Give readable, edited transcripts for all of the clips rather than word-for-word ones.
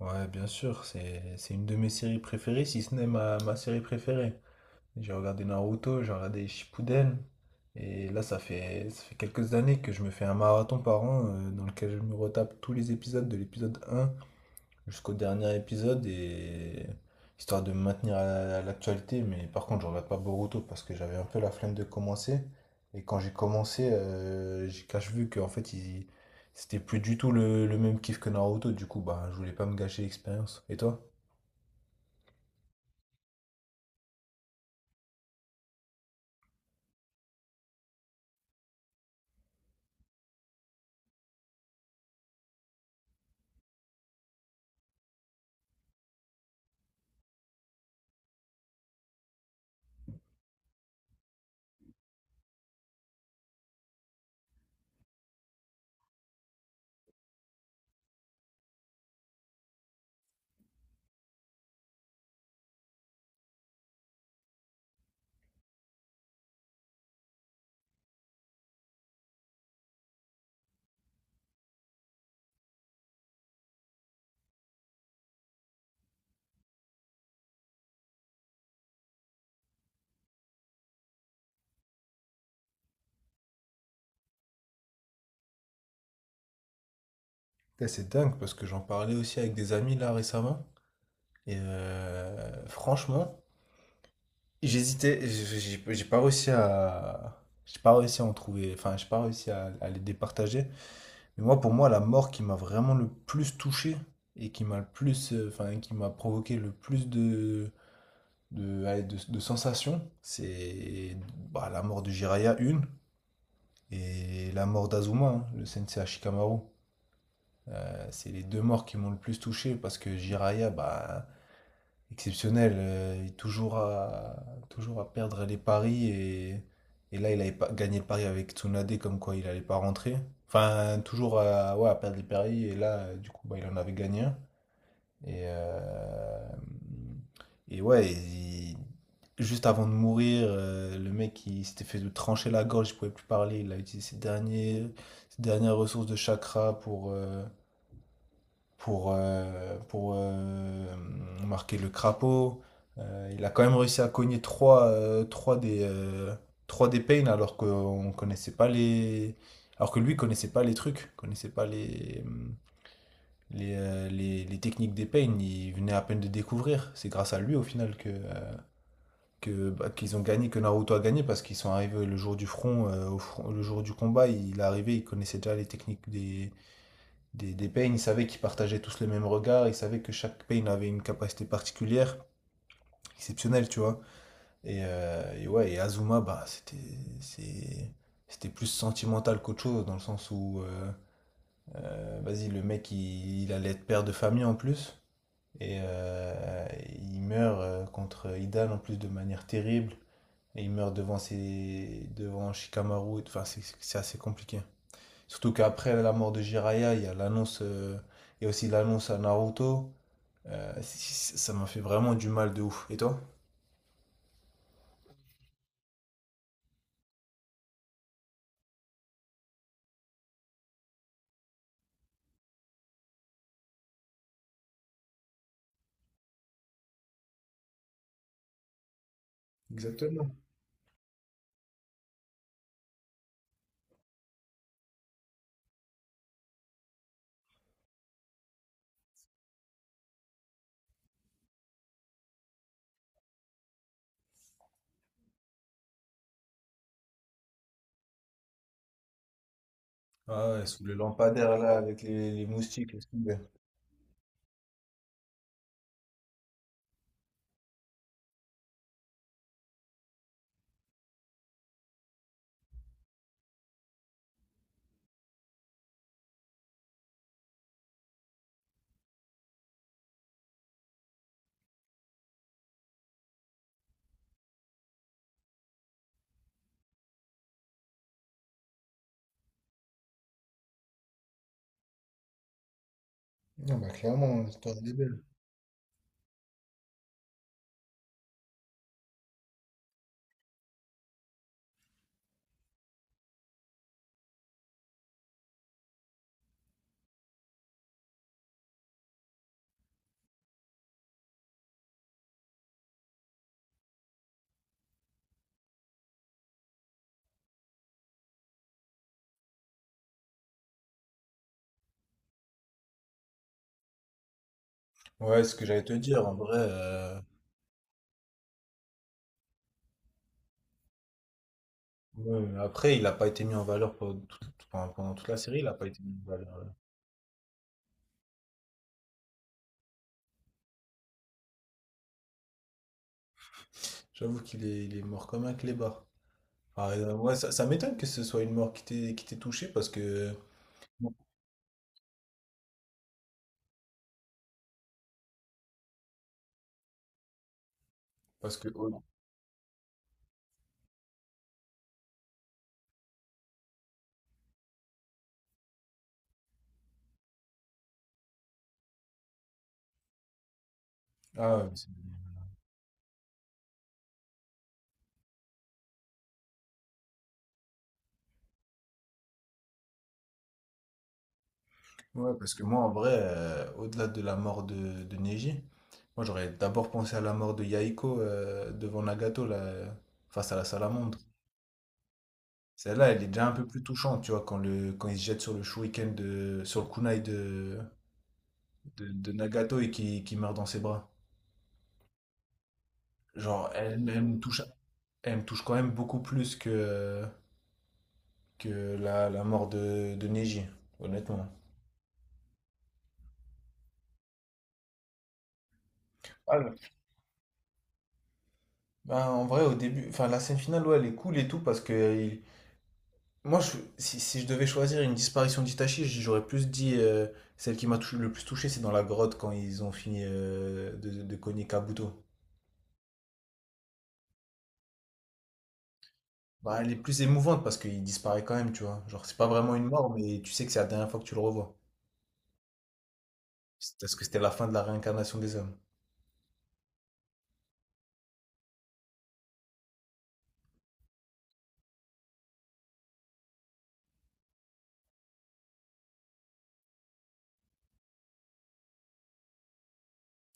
Ouais, bien sûr, c'est une de mes séries préférées, si ce n'est ma série préférée. J'ai regardé Naruto, j'ai regardé Shippuden, et là, ça fait quelques années que je me fais un marathon par an, dans lequel je me retape tous les épisodes de l'épisode un jusqu'au dernier épisode, et histoire de me maintenir à l'actualité. Mais par contre, je regarde pas Boruto parce que j'avais un peu la flemme de commencer. Et quand j'ai commencé, j'ai cache vu qu'en fait, il... c'était plus du tout le même kiff que Naruto. Du coup, bah, je voulais pas me gâcher l'expérience. Et toi? Putain, c'est dingue parce que j'en parlais aussi avec des amis là récemment. Et franchement, j'hésitais. J'ai pas réussi à. J'ai pas réussi à en trouver. Enfin, j'ai pas réussi à les départager. Et moi, pour moi, la mort qui m'a vraiment le plus touché et qui m'a le plus, enfin, qui m'a provoqué le plus de, ouais, de sensations, c'est bah, la mort de Jiraiya, une, et la mort d'Azuma, hein, le sensei Ashikamaru. C'est les deux morts qui m'ont le plus touché parce que Jiraiya, bah, exceptionnel, et toujours à perdre les paris, et là il avait pas gagné le pari avec Tsunade comme quoi il allait pas rentrer. Enfin toujours à, ouais, à perdre les paris et là, du coup bah, il en avait gagné un. Et, euh, et ouais, juste avant de mourir, le mec il s'était fait trancher la gorge, il pouvait plus parler, il a utilisé ses derniers, ses dernières ressources de chakra pour, pour, euh, pour euh, marquer le crapaud. Il a quand même réussi à cogner trois, trois des Pain alors qu'on connaissait pas les. Alors que lui connaissait pas les trucs, connaissait pas les, les techniques des Pain, il venait à peine de découvrir. C'est grâce à lui au final que, bah, qu'ils ont gagné, que Naruto a gagné parce qu'ils sont arrivés le jour du front, le jour du combat, il est arrivé, il connaissait déjà les techniques des peines, ils savaient qu'ils partageaient tous le même regard, ils savaient que chaque peine avait une capacité particulière, exceptionnelle, tu vois. Et ouais, et Azuma, bah, c'est, c'était plus sentimental qu'autre chose, dans le sens où, vas-y, le mec, il allait être père de famille en plus, et il meurt, contre Idan en plus, de manière terrible, et il meurt devant, ses, devant Shikamaru, enfin, c'est assez compliqué. Surtout qu'après la mort de Jiraiya, il y a l'annonce, il y a aussi l'annonce à Naruto. Ça m'a fait vraiment du mal de ouf. Et toi? Ah ouais, sous le lampadaire là, avec les moustiques, laisse tomber. Non, bah clairement, l'histoire elle est belle. Ouais, c'est ce que j'allais te dire, en vrai. Ouais, après, il n'a pas été mis en valeur pendant, pendant toute la série, il n'a pas été mis en valeur. Ouais. J'avoue qu'il est, il est mort comme un clébard. Ah, ouais, ça m'étonne que ce soit une mort qui t'ait touché parce que. Parce que. Oh, ah, ouais, c'est- ouais, parce que moi, en vrai, au-delà de la mort de Neji, moi, j'aurais d'abord pensé à la mort de Yaiko, devant Nagato, là, face à la salamandre. Celle-là, elle est déjà un peu plus touchante, tu vois, quand, le, quand il se jette sur le shuriken de, sur le kunai de Nagato et qui meurt dans ses bras. Genre, elle me touche quand même beaucoup plus que la mort de Neji, honnêtement. Ah, le- bah, en vrai, au début, enfin, la scène finale, ouais, elle est cool et tout parce qu'il... Moi, je- si, si je devais choisir une disparition d'Itachi, j'aurais plus dit, celle qui m'a tou- le plus touché, c'est dans la grotte quand ils ont fini, de cogner Kabuto. Bah, elle est plus émouvante parce qu'il disparaît quand même, tu vois. Genre, c'est pas vraiment une mort, mais tu sais que c'est la dernière fois que tu le revois. C'est parce que c'était la fin de la réincarnation des hommes.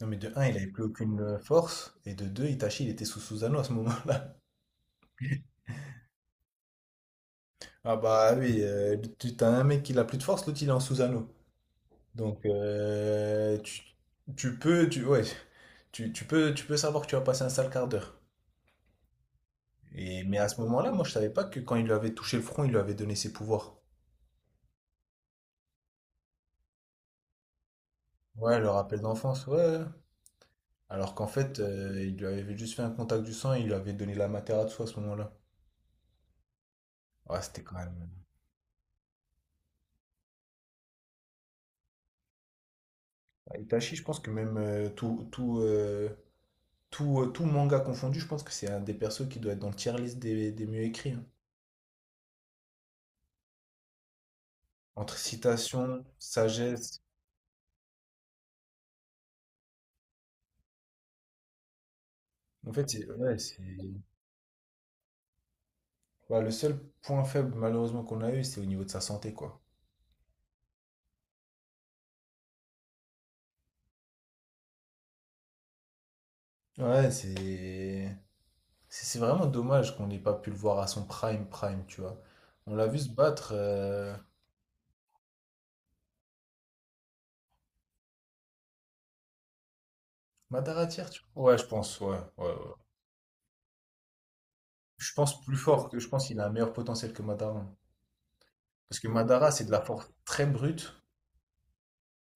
Non, mais de un, il avait plus aucune force, et de 2, Itachi, il était sous Susanoo à ce moment-là. Ah bah oui, tu t'as un mec qui n'a plus de force, l'autre il est en Susanoo. Donc, tu peux, tu, ouais, tu peux savoir que tu vas passer un sale quart d'heure. Et, mais à ce moment-là, moi, je savais pas que quand il lui avait touché le front, il lui avait donné ses pouvoirs. Ouais, le rappel d'enfance, ouais. Alors qu'en fait, il lui avait juste fait un contact du sang et il lui avait donné la Materatsu à ce moment-là. Ouais, c'était quand même. Ouais, Itachi, je pense que même, tout manga confondu, je pense que c'est un des persos qui doit être dans le tier list des mieux écrits, hein. Entre citation, sagesse. En fait, c'est ouais, c'est- ouais, le seul point faible malheureusement qu'on a eu, c'est au niveau de sa santé, quoi. Ouais, c'est vraiment dommage qu'on n'ait pas pu le voir à son prime, tu vois. On l'a vu se battre Madara tier tu vois. Ouais, je pense, ouais. Je pense plus fort, que je pense qu'il a un meilleur potentiel que Madara. Parce que Madara, c'est de la force très brute,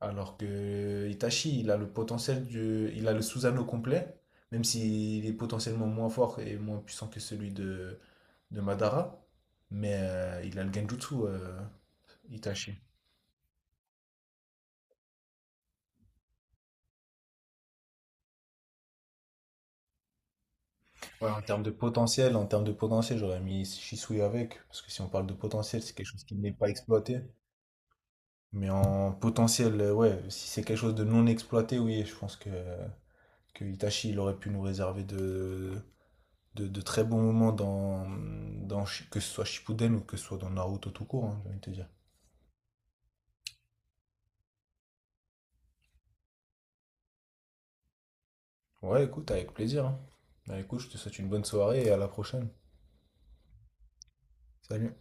alors que Itachi, il a le potentiel du, il a le Susanoo complet, même s'il est potentiellement moins fort et moins puissant que celui de Madara, mais il a le Genjutsu, Itachi. Ouais, en termes de potentiel, en termes de potentiel, j'aurais mis Shisui avec, parce que si on parle de potentiel, c'est quelque chose qui n'est pas exploité. Mais en potentiel, ouais, si c'est quelque chose de non exploité, oui, je pense que Itachi, il aurait pu nous réserver de très bons moments dans que ce soit Shippuden ou que ce soit dans Naruto tout court, hein, j'ai envie de te dire. Ouais, écoute, avec plaisir, hein. Bah, écoute, je te souhaite une bonne soirée et à la prochaine. Salut.